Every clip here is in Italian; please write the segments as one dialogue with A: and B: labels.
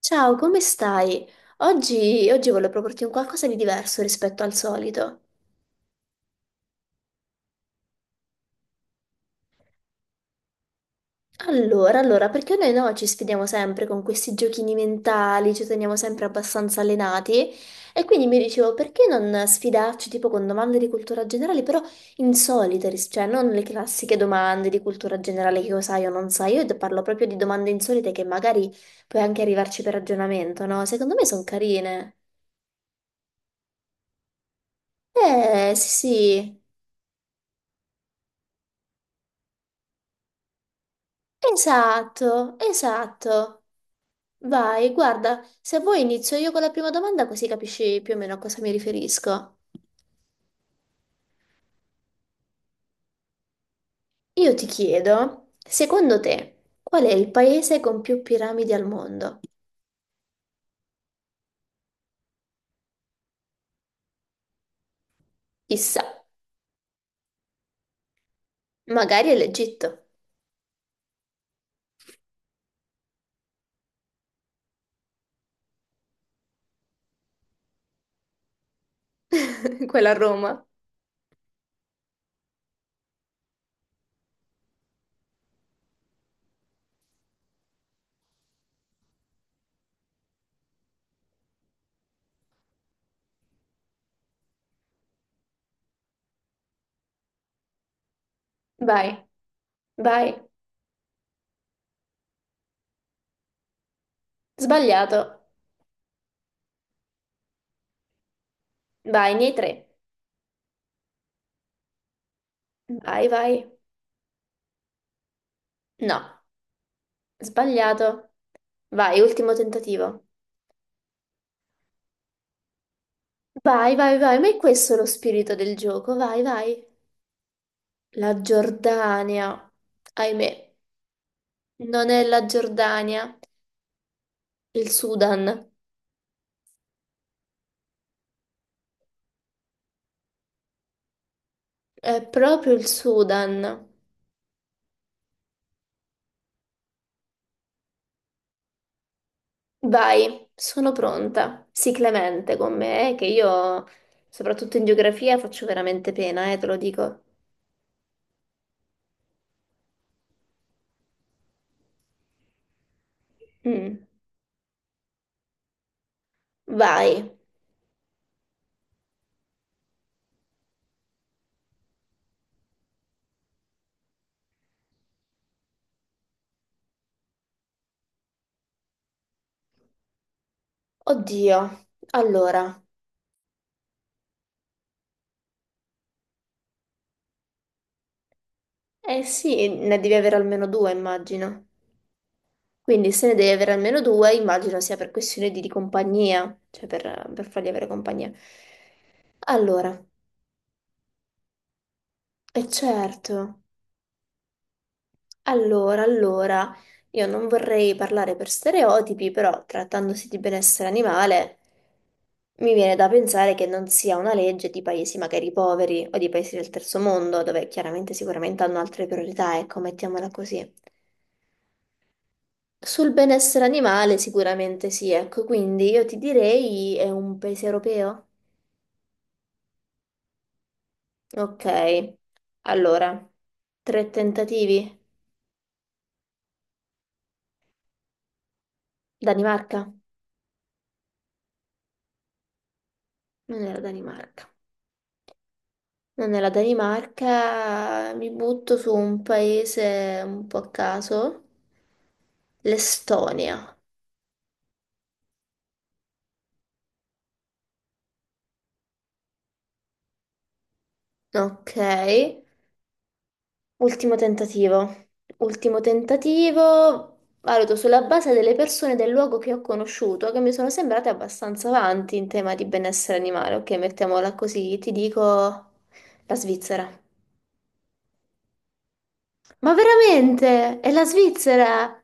A: Ciao, come stai? Oggi, volevo proporti un qualcosa di diverso rispetto al solito. Allora, perché noi no, ci sfidiamo sempre con questi giochini mentali, ci teniamo sempre abbastanza allenati e quindi mi dicevo perché non sfidarci tipo con domande di cultura generale, però insolite, cioè non le classiche domande di cultura generale che io sai o non sai, io te parlo proprio di domande insolite che magari puoi anche arrivarci per ragionamento, no? Secondo me sono carine. Sì, sì. Esatto, esatto. Vai, guarda, se vuoi inizio io con la prima domanda così capisci più o meno a cosa mi riferisco. Io ti chiedo, secondo te, qual è il paese con più piramidi al mondo? Chissà, magari è l'Egitto, quella a Roma. Vai, vai. Sbagliato. Vai, nei tre. Vai, vai. No, sbagliato. Vai, ultimo tentativo. Vai, vai, vai, ma è questo lo spirito del gioco, vai, vai. La Giordania, ahimè, non è la Giordania, il Sudan. È proprio il Sudan. Vai, sono pronta. Sii clemente con me, che io, soprattutto in geografia, faccio veramente pena, te lo dico. Mm. Vai. Oddio. Allora, eh sì, ne devi avere almeno due, immagino. Quindi se ne devi avere almeno due, immagino sia per questione di compagnia, cioè per fargli avere compagnia. Allora. E certo, allora, io non vorrei parlare per stereotipi, però trattandosi di benessere animale, mi viene da pensare che non sia una legge di paesi magari poveri o di paesi del terzo mondo, dove chiaramente sicuramente hanno altre priorità, ecco, mettiamola così. Sul benessere animale sicuramente sì, ecco, quindi io ti direi è un paese europeo? Ok, allora, tre tentativi. Danimarca? Non era Danimarca. No, Nella Danimarca mi butto su un paese un po' a caso, l'Estonia. Ok, ultimo tentativo. Ultimo tentativo, valuto sulla base delle persone del luogo che ho conosciuto, che mi sono sembrate abbastanza avanti in tema di benessere animale. Ok, mettiamola così, ti dico la Svizzera. Ma veramente? È la Svizzera?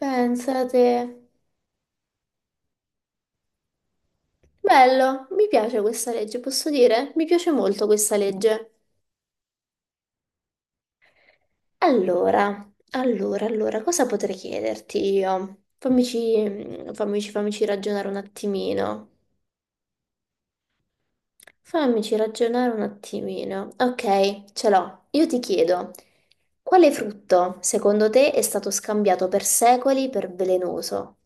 A: Pensate. Bello, mi piace questa legge, posso dire? Mi piace molto questa legge. Allora, cosa potrei chiederti io? Fammici ragionare un attimino. Fammici ragionare un attimino. Ok, ce l'ho. Io ti chiedo, quale frutto, secondo te, è stato scambiato per secoli per velenoso?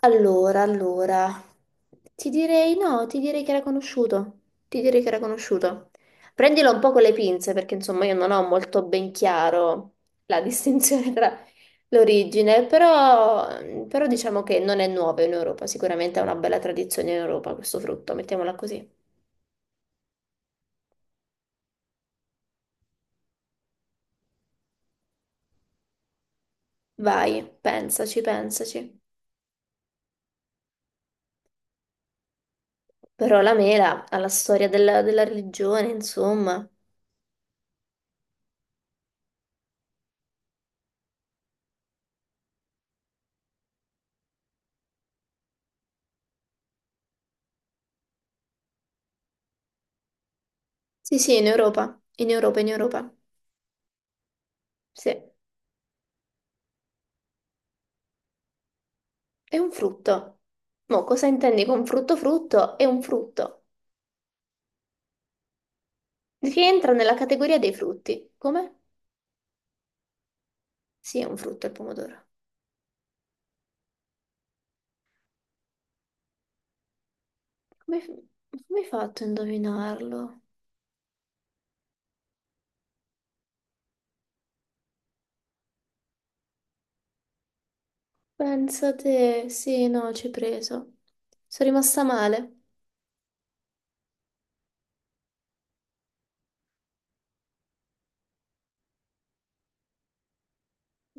A: Allora, ti direi no, ti direi che era conosciuto. Prendilo un po' con le pinze perché insomma io non ho molto ben chiaro la distinzione tra l'origine, però, però diciamo che non è nuovo in Europa, sicuramente ha una bella tradizione in Europa questo frutto, mettiamola così. Vai, pensaci, pensaci. Però la mela ha la storia della religione, insomma. Sì, sì, in Europa, in Europa. Sì. È un frutto. Mo' cosa intendi con frutto? Frutto è un frutto che entra nella categoria dei frutti. Come? Sì, è un frutto il pomodoro. Come, come hai fatto a indovinarlo? Pensa te, sì, no, ci hai preso. Sono rimasta male.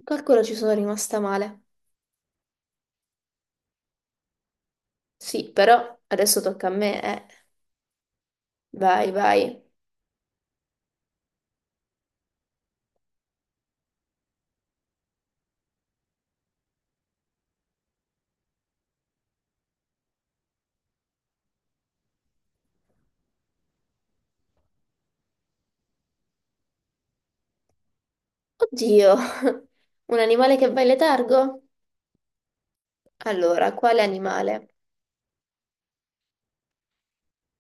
A: Calcolo ci sono rimasta male. Sì, però adesso tocca a me, eh. Vai, vai. Oddio, un animale che va in letargo? Allora, quale animale?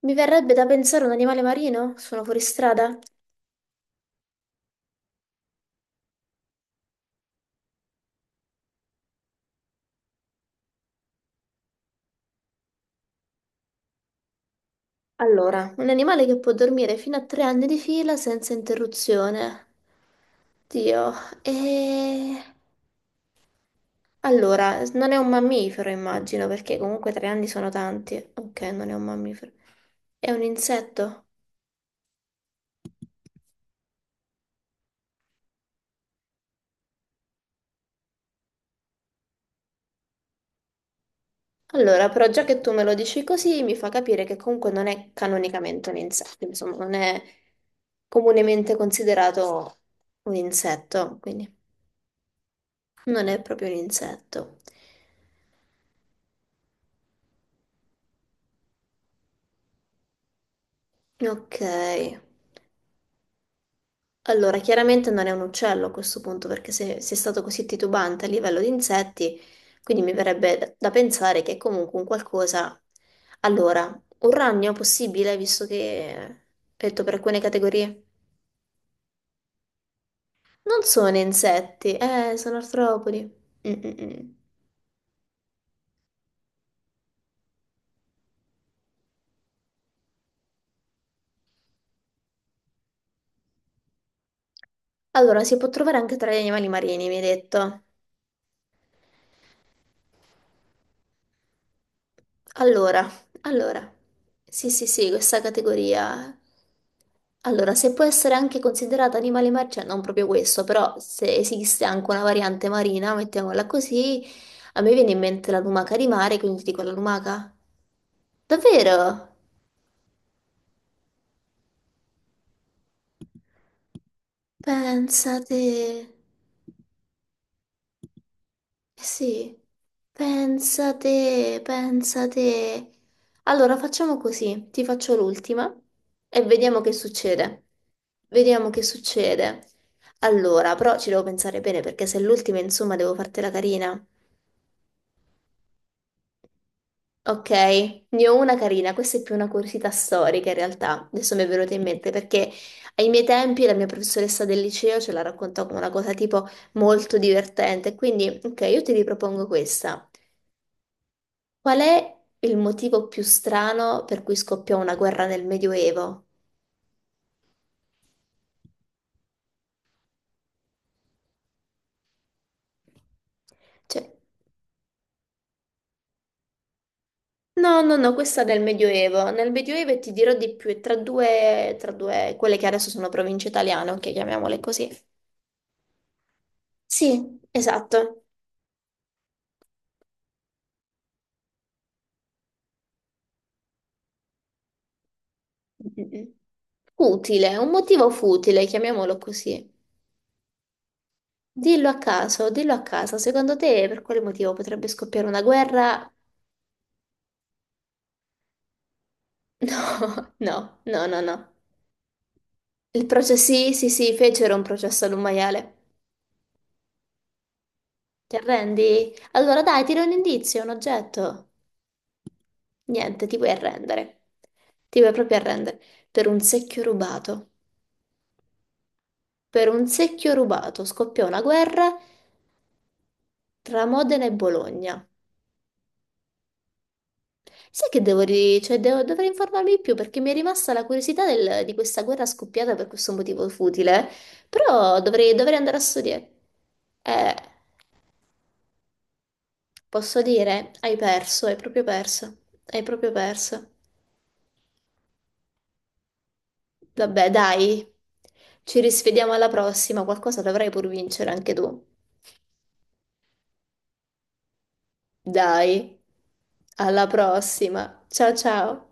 A: Mi verrebbe da pensare un animale marino? Sono fuori strada? Allora, un animale che può dormire fino a 3 anni di fila senza interruzione. Dio, e... Allora, non è un mammifero, immagino, perché comunque 3 anni sono tanti. Ok, non è un mammifero. È un insetto? Allora, però già che tu me lo dici così, mi fa capire che comunque non è canonicamente un insetto, insomma, non è comunemente considerato un insetto, quindi non è proprio un insetto. Ok. Allora, chiaramente non è un uccello a questo punto, perché se è stato così titubante a livello di insetti, quindi mi verrebbe da pensare che è comunque un qualcosa. Allora, un ragno possibile, visto che ho detto per alcune categorie. Non sono insetti, sono artropodi. Mm, mm, mm. Allora, si può trovare anche tra gli animali marini, mi hai detto. Allora, allora, sì, sì, sì, questa categoria. Allora, se può essere anche considerata animale marciano, non proprio questo, però se esiste anche una variante marina, mettiamola così, a me viene in mente la lumaca di mare, quindi ti dico la lumaca. Davvero? Pensate. Eh sì, pensate, pensate. Allora facciamo così, ti faccio l'ultima e vediamo che succede. Vediamo che succede. Allora, però ci devo pensare bene perché se è l'ultima, insomma, devo fartela carina. Ok, ne ho una carina, questa è più una curiosità storica in realtà, adesso mi è venuta in mente perché ai miei tempi la mia professoressa del liceo ce la raccontò come una cosa tipo molto divertente, quindi ok, io ti ripropongo questa. Qual è il motivo più strano per cui scoppiò una guerra nel Medioevo? Cioè, no, no, no, questa del Medioevo. Nel Medioevo e ti dirò di più, è tra due, quelle che adesso sono province italiane, ok, chiamiamole così. Sì, esatto. Mm, mm, mm. Futile, un motivo futile, chiamiamolo così. Dillo a caso, secondo te per quale motivo potrebbe scoppiare una guerra? No, no, no, no, no. Il processo, sì, sì, sì, fecero un processo ad un maiale. Ti arrendi? Allora dai, tira un indizio, un oggetto. Niente, ti vuoi arrendere. Ti vuoi proprio arrendere. Per un secchio rubato. Per un secchio rubato scoppiò una guerra tra Modena e Bologna. Sai che devo, dovrei informarmi di più perché mi è rimasta la curiosità di questa guerra scoppiata per questo motivo futile. Però dovrei andare a studiare. Eh, posso dire, hai perso, hai proprio perso. Hai proprio perso. Vabbè, dai, ci risvediamo alla prossima, qualcosa dovrai pur vincere anche tu. Dai, alla prossima. Ciao ciao.